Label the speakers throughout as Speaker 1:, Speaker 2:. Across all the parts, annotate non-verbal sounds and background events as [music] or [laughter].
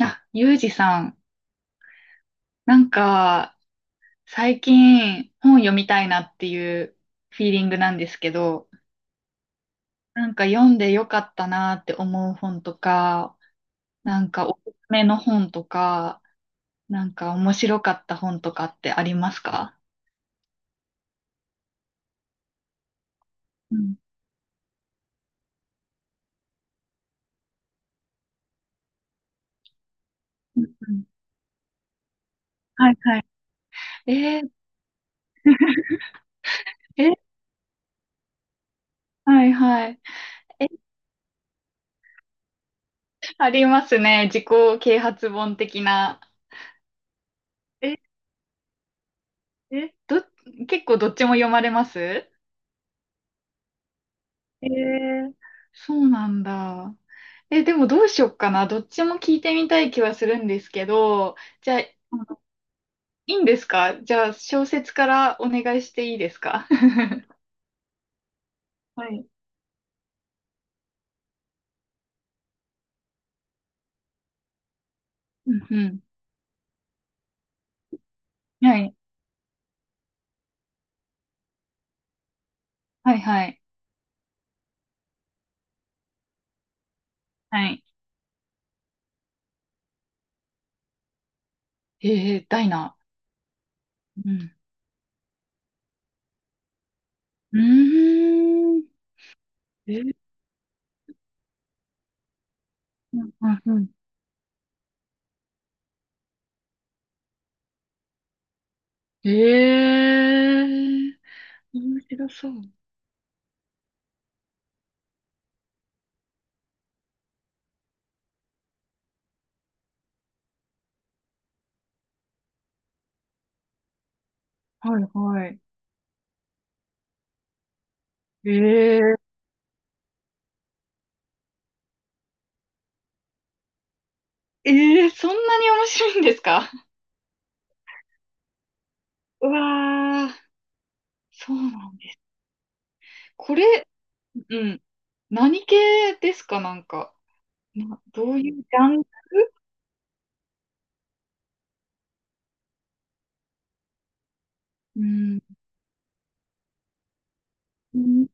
Speaker 1: あ、ゆうじさん、なんか、最近本読みたいなっていうフィーリングなんですけど、なんか読んでよかったなって思う本とか、なんかおすすめの本とか、なんか面白かった本とかってありますか？うん。うんうん。はいはい。えー。え。[laughs] はいはい。え、ありますね。自己啓発本的な。え、え、結構どっちも読まれます？えー、そうなんだ。え、でもどうしよっかな。どっちも聞いてみたい気はするんですけど、じゃあ、あのいいんですか？じゃあ、小説からお願いしていいですか？ [laughs] はい。うんうん。はい。はいはい。はい。えー、ダイナ。うん。うーん。えー。うんうんうん。えー、面白そう。はいはい。えー。えー、そんなに面白いんですか？うわー。そうなんだ。これ。うん。何系ですか、なんか。な、どういうジャンル？うん。うん、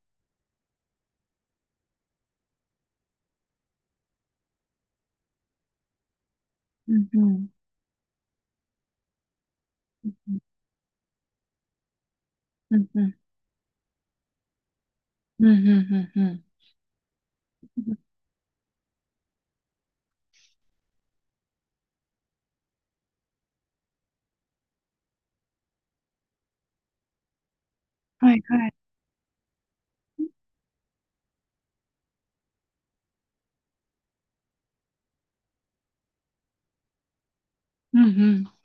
Speaker 1: うん、うん、うん、うん、うん、うん、うんうん。はい、はい。うん、うん。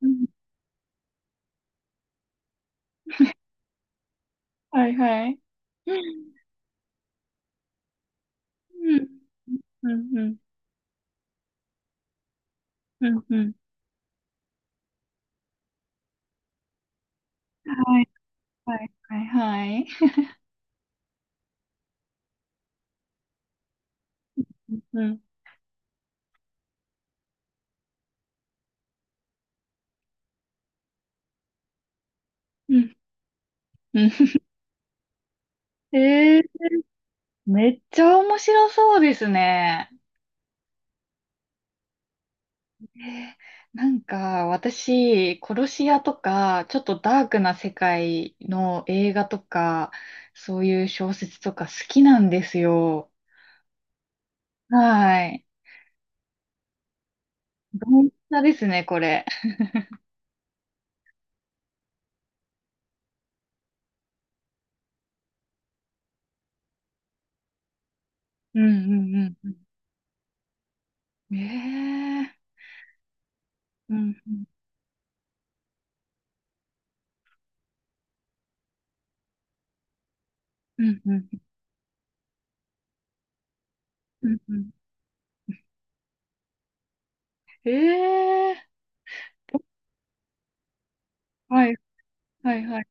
Speaker 1: うん、はい、はい。うん、うん、うん、うん、うん、うん。はい、はい、はい、はい。うん、うん、うん。うんえー。めっちゃ面白そうですね。えーなんか私、殺し屋とか、ちょっとダークな世界の映画とか、そういう小説とか好きなんですよ。はい。どんなですね、これ。うんうんうんうん。ええー。うんうんうんうんうんうん。ええー。はいはいはい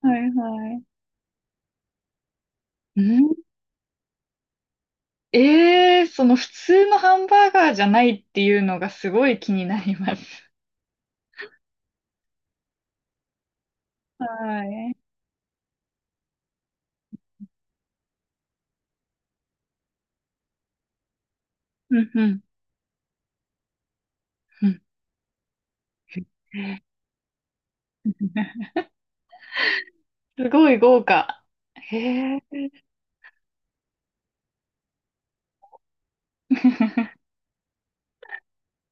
Speaker 1: はいはい。うん。ええーその普通のハンバーガーじゃないっていうのがすごい気になります。はい。うんうんうん。すごい豪華。へえ。[laughs]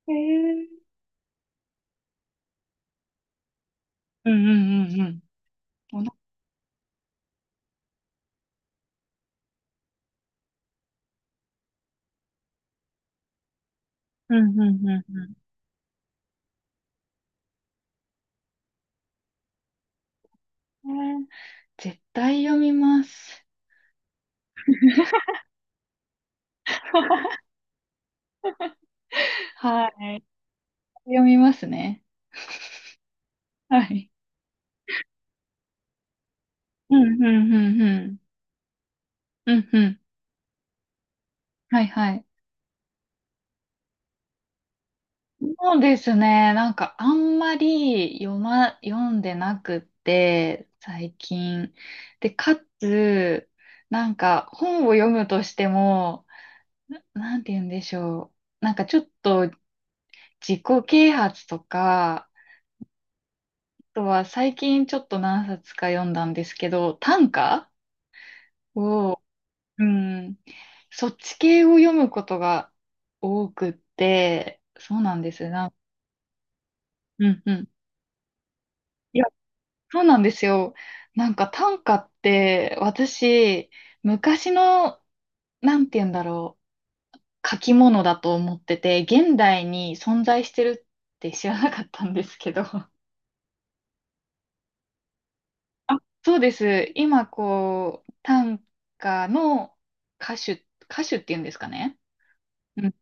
Speaker 1: へえ。うんうんうんうん。おな。うんうんうんうん。へえ、絶対読みます。[laughs] はい。読みますね。はい。うんうんうんうん。うんうん。はいはい。そうですね。なんかあんまり読んでなくって、最近。で、かつ、なんか本を読むとしても、なんて言うんでしょう。なんかちょっと自己啓発とか、あとは最近ちょっと何冊か読んだんですけど、短歌を、うん、そっち系を読むことが多くって、そうなんですよな。うんうん。いや、そうなんですよ。なんか短歌って私、昔の、なんて言うんだろう、書き物だと思ってて、現代に存在してるって知らなかったんですけど。そうです。今、こう、短歌の歌手、歌手っていうんですかね。うん。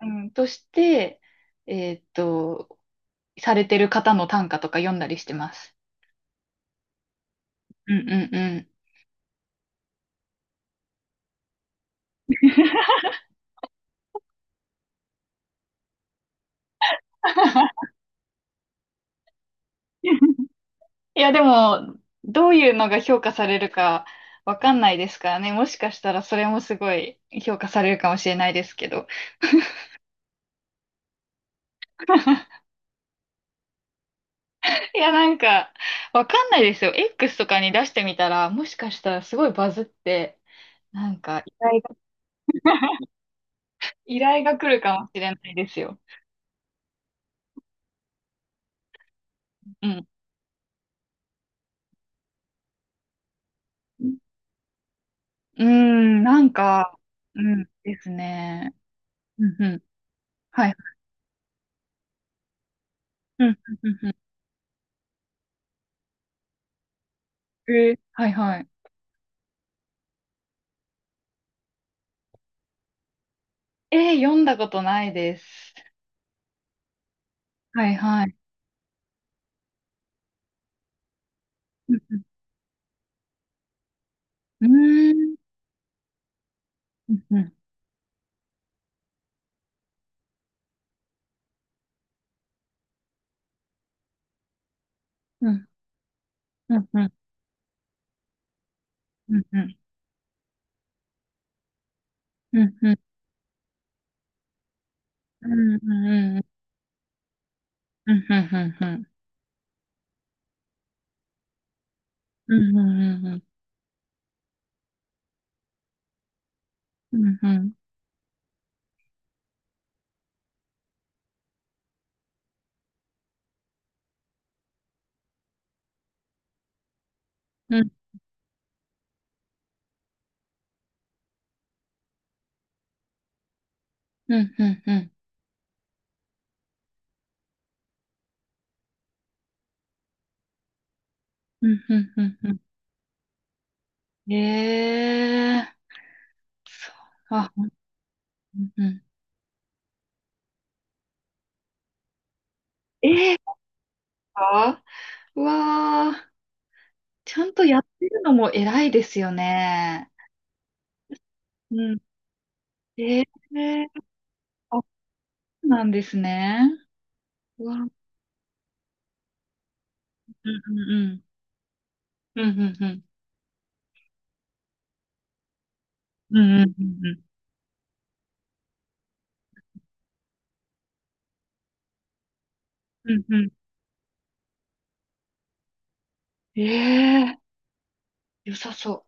Speaker 1: うんとして、えーっと、されてる方の短歌とか読んだりしてます。うんうんうん。[laughs] いや、でも、どういうのが評価されるかわかんないですからね。もしかしたらそれもすごい評価されるかもしれないですけど。[laughs] いや、なんか、わかんないですよ。X とかに出してみたら、もしかしたらすごいバズって、かうわー、ちゃんとやってるのも偉いですよね。うん。えー、あ、そうなんですね。うわ、うんうんうん。うんうんうん。うんうんうんうん。うんうん。ええー、良さそう。